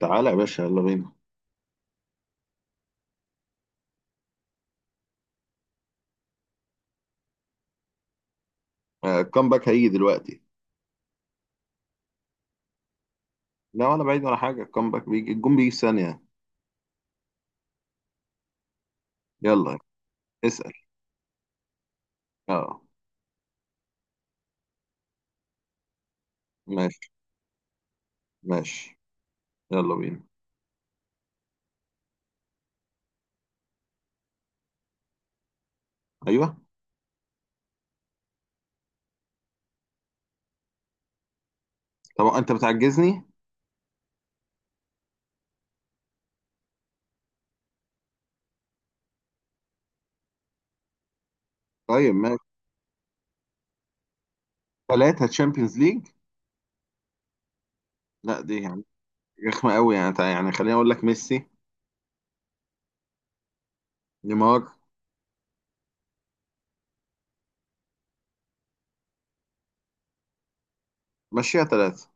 تعالى يا باشا، يلا بينا. الكامباك هيجي دلوقتي. لا ولا بعيد ولا حاجة، الكامباك بيجي، الجون بيجي في ثانية. يلا اسأل. اه. ماشي ماشي. يلا بينا. ايوه. طب انت بتعجزني. طيب ماشي. ثلاثة تشامبيونز ليج. لا دي يعني رخمة قوي يعني يعني خليني اقول لك ميسي، نيمار. مشيها ثلاثة.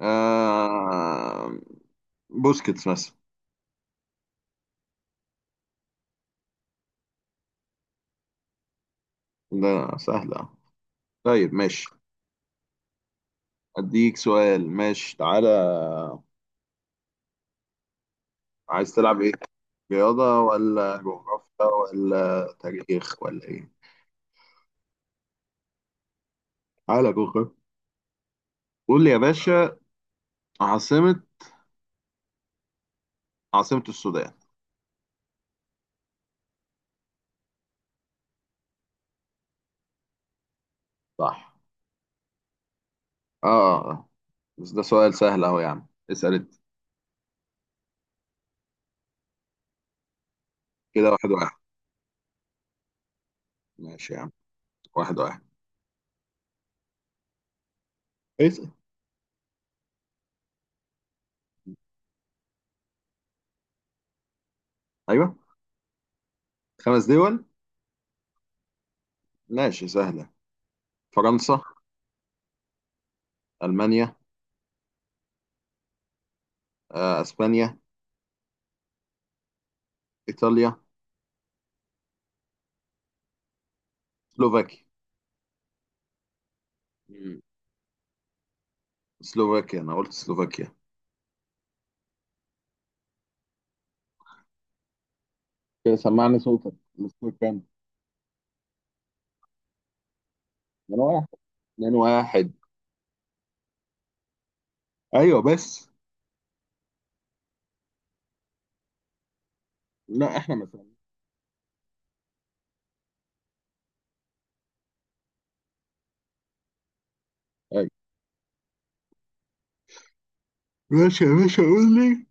آه... بوسكيتس مثلا. ده سهلة. طيب ماشي. اديك سؤال ماشي، تعالى. عايز تلعب ايه؟ رياضة ولا جغرافيا ولا تاريخ ولا إيه؟ على جغرافيا. قول لي يا باشا. عاصمة، عاصمة السودان. صح. آه آه آه. بس ده سؤال سهل أهو، يا عم اسأل أنت. كده واحد واحد. ماشي يا عم. واحد واحد. اسأل. أيوه، خمس دول. ماشي سهلة. فرنسا، ألمانيا، أسبانيا، إيطاليا، سلوفاكيا. مم. سلوفاكيا، أنا قلت سلوفاكيا. كده سمعني صوتك. السكور كام؟ من واحد. اتنين واحد. ايوه بس. لا احنا مثلا. ماشي يا باشا، قول لي.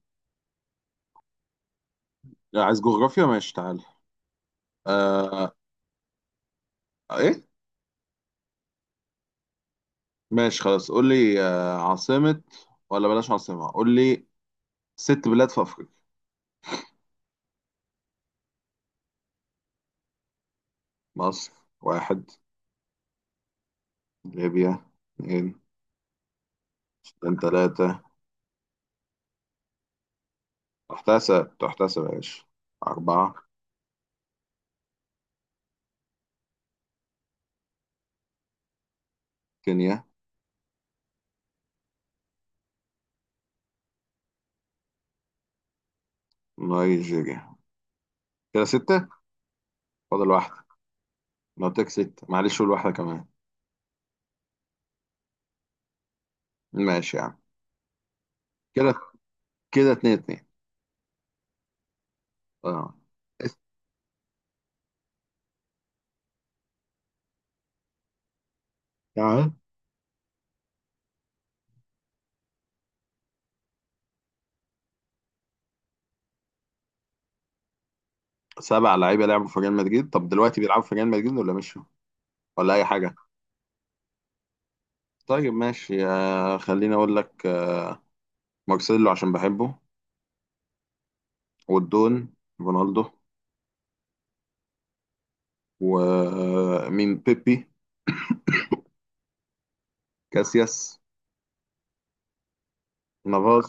لا، عايز جغرافيا ماشي، تعال. آه. ايه؟ ماشي خلاص قول لي. آه، عاصمة، ولا بلاش عاصمة، قول لي ست بلاد في أفريقيا. مصر. واحد. ليبيا. اثنين. السودان ثلاثة. تحتسب تحتسب يا باشا. أربعة. كينيا. نيجيريا. كده ستة. فاضل واحدة. لو تك ستة معلش قول واحدة كمان. ماشي يعني. كده كده اتنين اتنين. اه. تعال. سبع لعيبة لعبوا في ريال مدريد؟ طب دلوقتي بيلعبوا في ريال مدريد ولا مشوا؟ ولا اي حاجه؟ طيب ماشي. خليني اقول لك مارسيلو عشان بحبه. والدون رونالدو. ومين؟ بيبي، كاسياس، نافاس،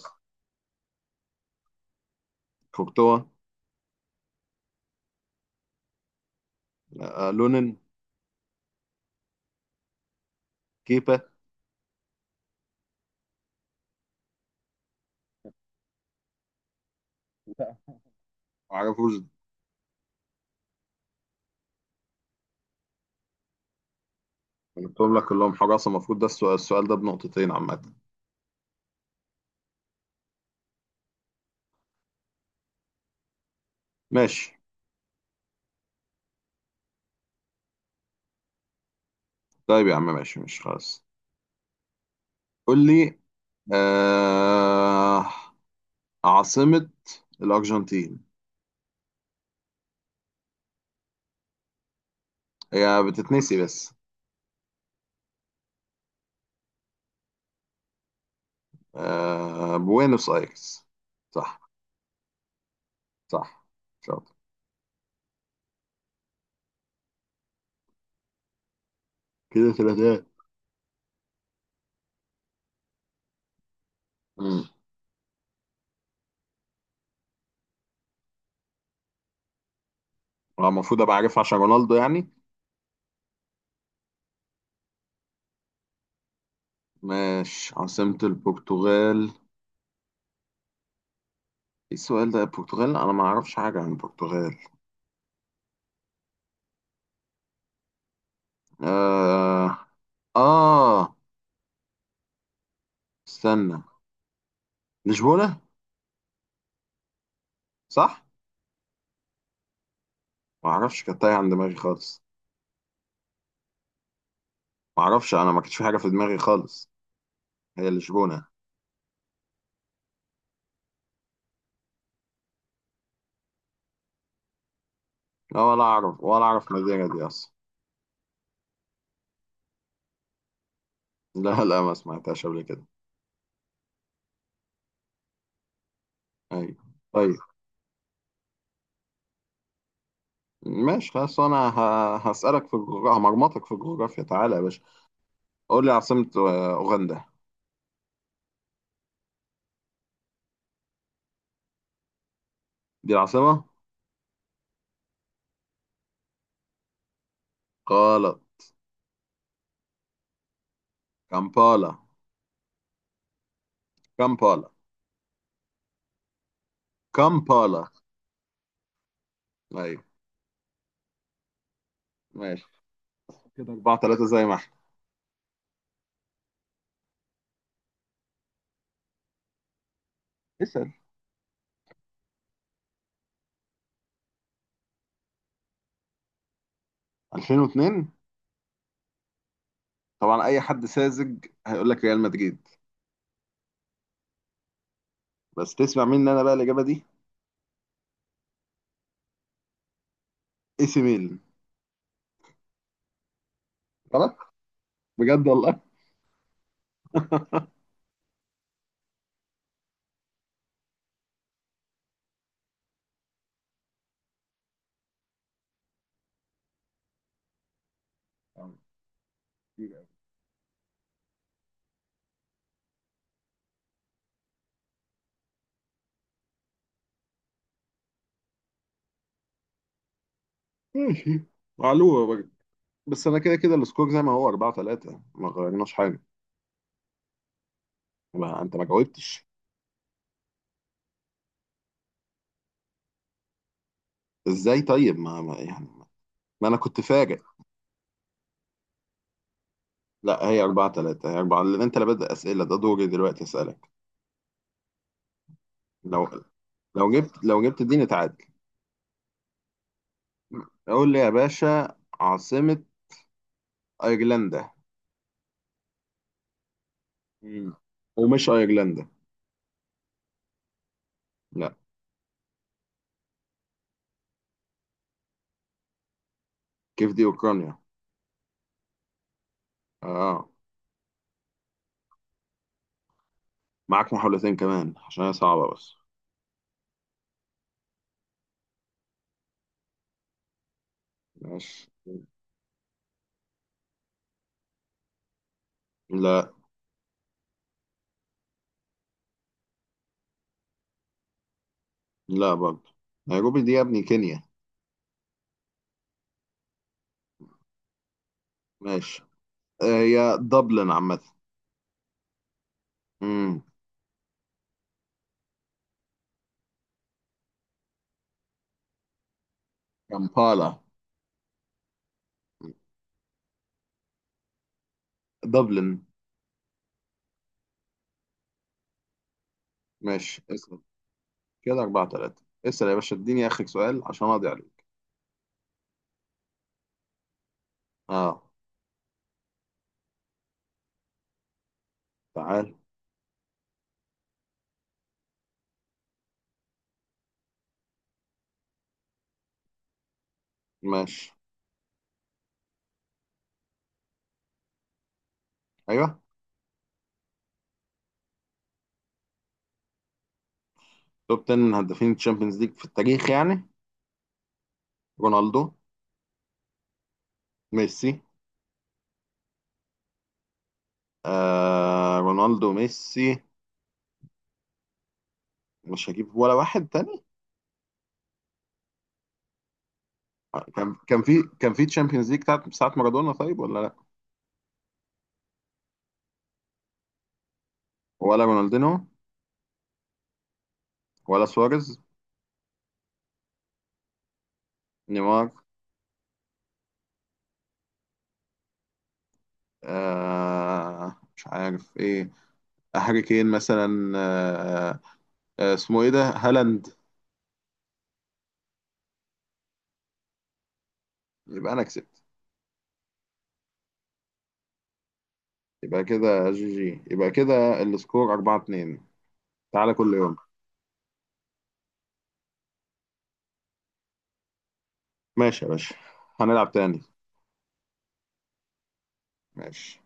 كورتوا، لونين، كيبا. معرفوش. قلتهم لك كلهم حراسه، المفروض ده السؤال، السؤال ده بنقطتين عامه. ماشي. طيب يا عم ماشي ماشي خلاص. قول لي. آه، عاصمه الارجنتين. هي بتتنسي بس. آه، بوينوس ايرس. صح. صح. شاطر. كده ثلاثات. امم. المفروض ابقى عارف عشان رونالدو يعني. ماشي. عاصمة البرتغال. ايه السؤال ده؟ البرتغال انا ما اعرفش حاجة عن البرتغال. آه. آه. استنى. لشبونة. صح. ما اعرفش كانت تايهة عن دماغي خالص. ما اعرفش، انا ما كانتش في حاجة في دماغي خالص. هي لشبونة. لا ولا اعرف، ولا اعرف المدينة دي اصلا. لا لا ما سمعتهاش قبل كده. ايوه. طيب ماشي خلاص، انا هسألك في الجغرافيا، همرمطك في الجغرافيا. تعالى يا باشا. قول لي عاصمة أوغندا. دي العاصمة. غلط. كامبالا. كامبالا. كامبالا. أيوة. ماشي. كده أربعة ثلاثة زي ما احنا. اسأل. 2002. طبعا أي حد ساذج هيقول لك ريال مدريد. بس تسمع مني أنا بقى الإجابة دي. إي سي ميلان. غلط. بجد والله. ماشي. معلومة بجد. بس أنا كده كده السكور زي ما هو، 4-3، ما غيرناش حاجة. ما أنت ما جاوبتش. إزاي طيب يعني ما أنا كنت فاجئ. لا هي أربعة تلاتة. هي أربعة، لأن أنت اللي بدأ أسئلة، ده دوري دلوقتي أسألك. لو، لو جبت، لو جبت دي نتعادل. قول لي يا باشا، عاصمة أيرلندا. مم. ومش أيرلندا. لا. كيف دي أوكرانيا. آه. معاك محاولتين كمان عشان هي صعبة بس. ماشي. لا. لا برضه. نيروبي دي يا ابني كينيا. ماشي. آه، هي دبلن عامة. امم. كامبالا. دبلن. ماشي اسأل. كده أربعة تلاتة اسأل يا باشا، اديني آخر سؤال عشان أقضي عليك. اه. تعال. ماشي. ايوه. توب 10 هدافين تشامبيونز ليج في التاريخ يعني. رونالدو. ميسي. آه، رونالدو، ميسي. مش هجيب ولا واحد تاني. كان في تشامبيونز ليج بتاعت ساعة مارادونا طيب ولا لا؟ ولا رونالدينو؟ ولا سواريز؟ نيمار. آه مش عارف ايه. هاري كين مثلا. آه. آه اسمه ايه ده؟ هالاند. يبقى انا كسبت. يبقى كده جي جي، يبقى كده السكور 4-2. تعالى كل يوم. ماشي يا باشا، هنلعب تاني. ماشي.